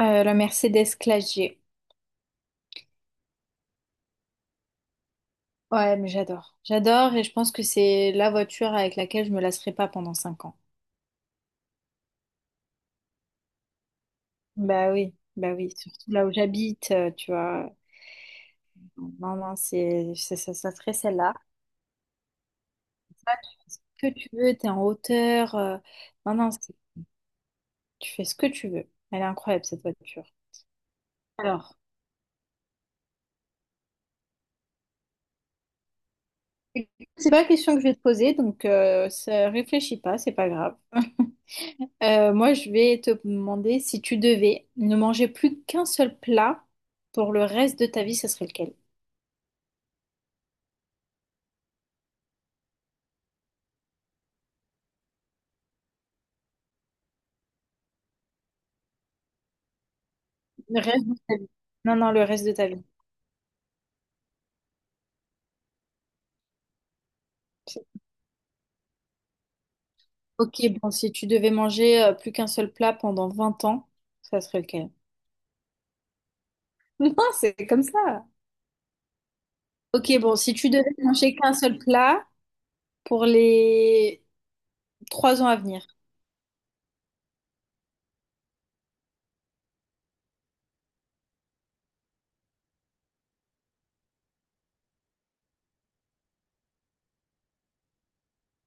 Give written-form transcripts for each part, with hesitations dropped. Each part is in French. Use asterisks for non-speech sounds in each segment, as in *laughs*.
La Mercedes Classe G. Ouais, mais j'adore. J'adore et je pense que c'est la voiture avec laquelle je me lasserai pas pendant 5 ans. Bah oui, surtout là où j'habite, tu vois. Non, non, ça, ça serait celle-là. Ça, tu fais ce que tu veux, t'es en hauteur. Non, non, tu fais ce que tu veux. Elle est incroyable, cette voiture. Alors, c'est pas la question que je vais te poser, donc ça, réfléchis pas, c'est pas grave. *laughs* Moi, je vais te demander si tu devais ne manger plus qu'un seul plat pour le reste de ta vie, ce serait lequel? Le reste de ta vie. Non, non, le reste de ta vie. Ok, bon, si tu devais manger plus qu'un seul plat pendant 20 ans, ça serait lequel? *laughs* Non, c'est comme ça. Ok, bon, si tu devais manger qu'un seul plat pour les trois ans à venir.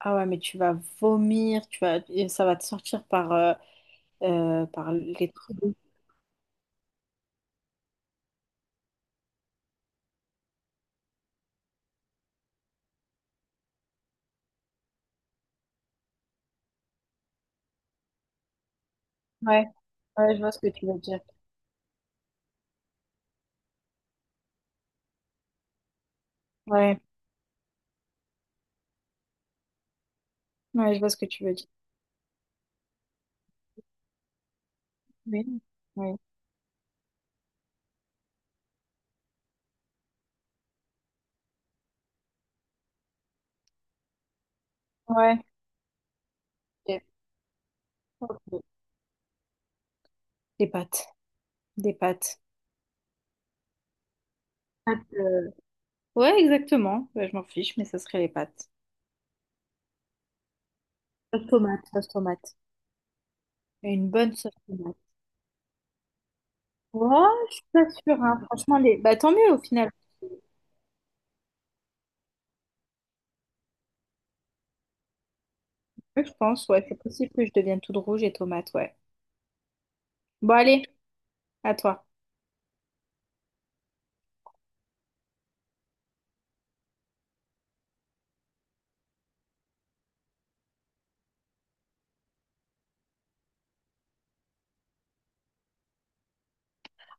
Ah ouais, mais tu vas vomir, tu vas, et ça va te sortir par, par les trous. Ouais, ouais, je vois ce que tu veux dire. Ouais, ouais, je vois ce que tu veux dire. Oui, oui. Ouais. Ok. Ok. Des pâtes. Des pâtes. Pâtes, ouais, exactement. Ouais, je m'en fiche, mais ça serait les pâtes. Sauce tomate, sauce tomate. Et une bonne sauce tomate. Oh, je suis pas sûre, hein. Franchement. Bah tant mieux au final. Ouais, je pense, ouais, c'est possible que je devienne toute rouge et tomate, ouais. Bon, allez, à toi.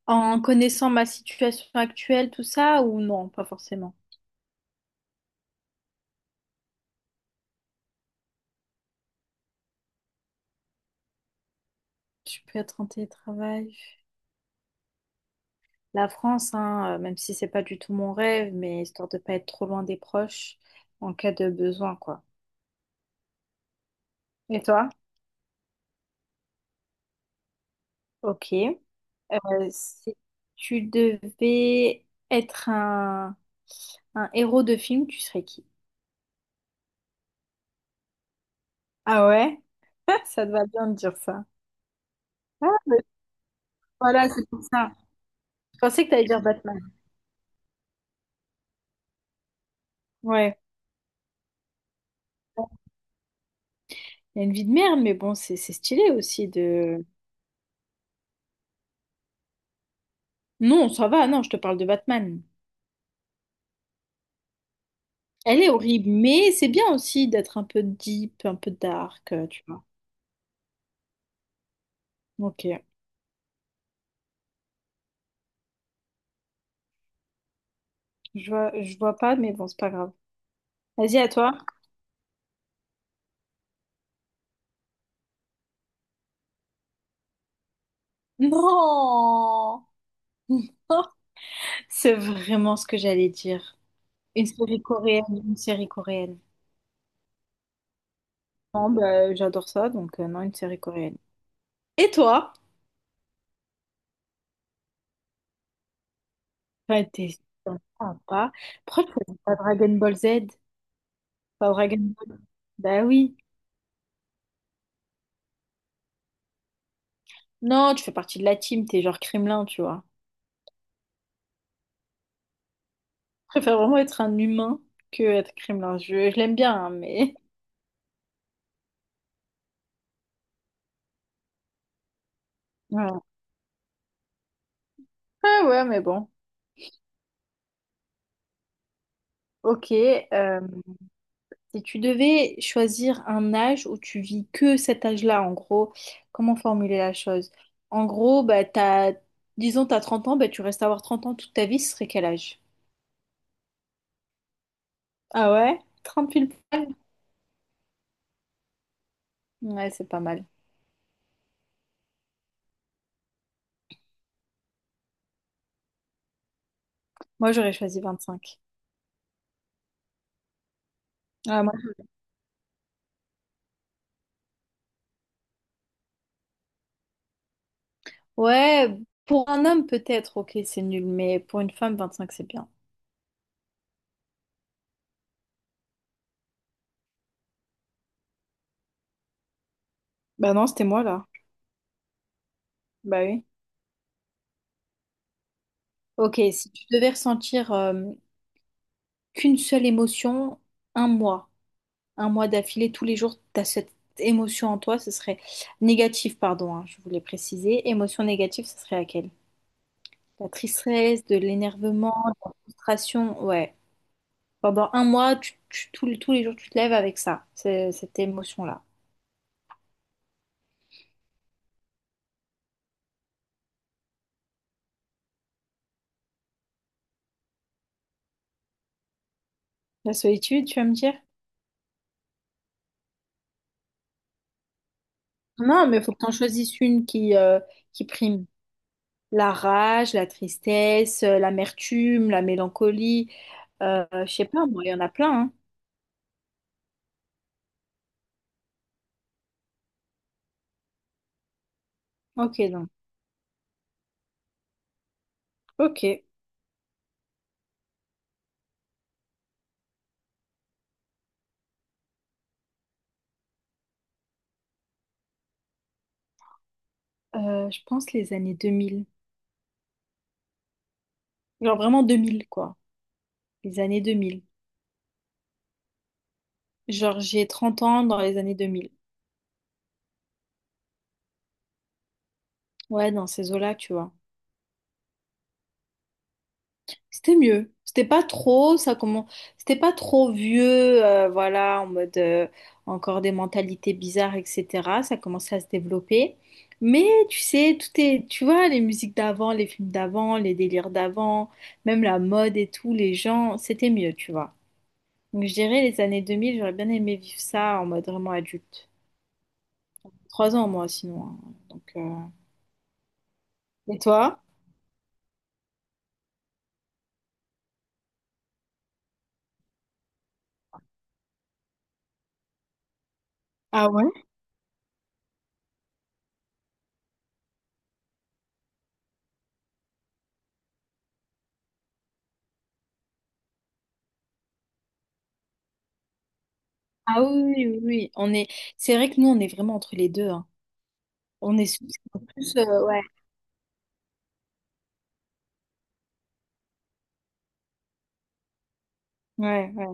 En connaissant ma situation actuelle, tout ça, ou non, pas forcément. Je peux être en télétravail. La France, hein, même si c'est pas du tout mon rêve, mais histoire de pas être trop loin des proches en cas de besoin, quoi. Et toi? Ok. Si tu devais être un héros de film, tu serais qui? Ah ouais? *laughs* Ça te va bien de dire ça. Ah, mais voilà, c'est pour ça. Je pensais que t'allais dire Batman. Ouais. Il y a une vie de merde, mais bon, c'est stylé aussi. Non, ça va, non, je te parle de Batman. Elle est horrible, mais c'est bien aussi d'être un peu deep, un peu dark, tu vois. Ok, je vois pas, mais bon, c'est pas grave. Vas-y, à toi. Non! *laughs* C'est vraiment ce que j'allais dire. Une série coréenne, une série coréenne. Non, bah, j'adore ça, donc non, une série coréenne. Et toi? Ouais, t'es sympa. Pourquoi tu choisis pas Dragon Ball Z? Pas Dragon Ball? Bah oui. Non, tu fais partie de la team, t'es genre Kremlin, tu vois. Préfère vraiment être un humain que être criminel. Je l'aime bien, hein, mais. *laughs* Ouais. Ah ouais, mais bon. Ok. Si tu devais choisir un âge où tu vis que cet âge-là, en gros, comment formuler la chose? En gros, bah, t'as, disons, t'as 30 ans, bah, tu restes à avoir 30 ans toute ta vie, ce serait quel âge? Ah ouais? 30 pile poil? Ouais, c'est pas mal. Moi, j'aurais choisi 25. Ah, moi- Ouais, pour un homme, peut-être, ok, c'est nul, mais pour une femme, 25 c'est bien. Bah non, c'était moi, là. Bah oui. Ok, si tu devais ressentir qu'une seule émotion, un mois, un mois d'affilée, tous les jours, tu as cette émotion en toi, ce serait négative, pardon, hein, je voulais préciser. Émotion négative, ce serait laquelle? La tristesse, de l'énervement, de la frustration, ouais. Pendant un mois, tous les jours, tu te lèves avec ça, cette émotion-là. La solitude, tu vas me dire? Non, mais il faut que tu en choisisses une qui prime. La rage, la tristesse, l'amertume, la mélancolie. Je sais pas, moi, il y en a plein, hein. Ok, donc. Ok. Je pense les années 2000. Genre vraiment 2000, quoi. Les années 2000. Genre, j'ai 30 ans dans les années 2000. Ouais, dans ces eaux-là, tu vois. C'était mieux. C'était pas trop. C'était pas trop vieux, voilà, en mode encore des mentalités bizarres, etc. Ça commençait à se développer. Mais tu sais, tout est, tu vois, les musiques d'avant, les films d'avant, les délires d'avant, même la mode et tout, les gens, c'était mieux, tu vois. Donc je dirais les années 2000, j'aurais bien aimé vivre ça en mode vraiment adulte. Trois ans moi sinon, hein. Donc et toi? Ah ouais? Ah oui, oui, oui, oui. On est. C'est vrai que nous on est vraiment entre les deux, hein. On est en plus ouais. Ouais, ouais.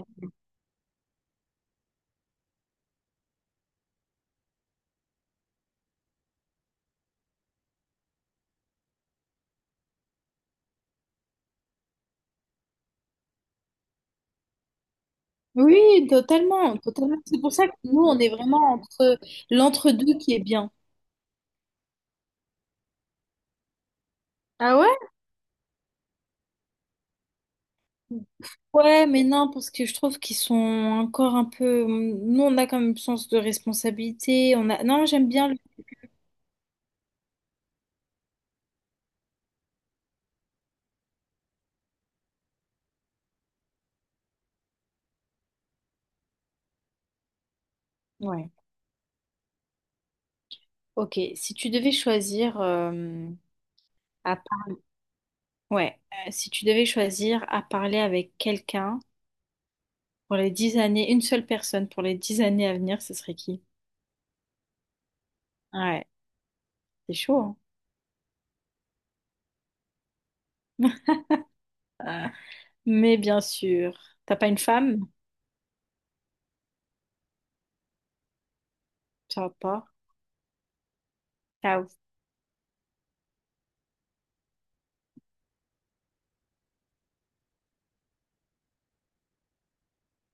Oui, totalement, totalement. C'est pour ça que nous on est vraiment entre l'entre-deux qui est bien. Ah ouais? Ouais, mais non, parce que je trouve qu'ils sont encore un peu. Nous, on a quand même sens de responsabilité. On a. Non, j'aime bien le. Ouais. Ok, si tu devais choisir à par- ouais, si tu devais choisir à parler avec quelqu'un pour les dix années, une seule personne pour les dix années à venir, ce serait qui? Ouais, c'est chaud, hein. *laughs* Euh, Mais bien sûr, t'as pas une femme? Ça va pas. Ciao.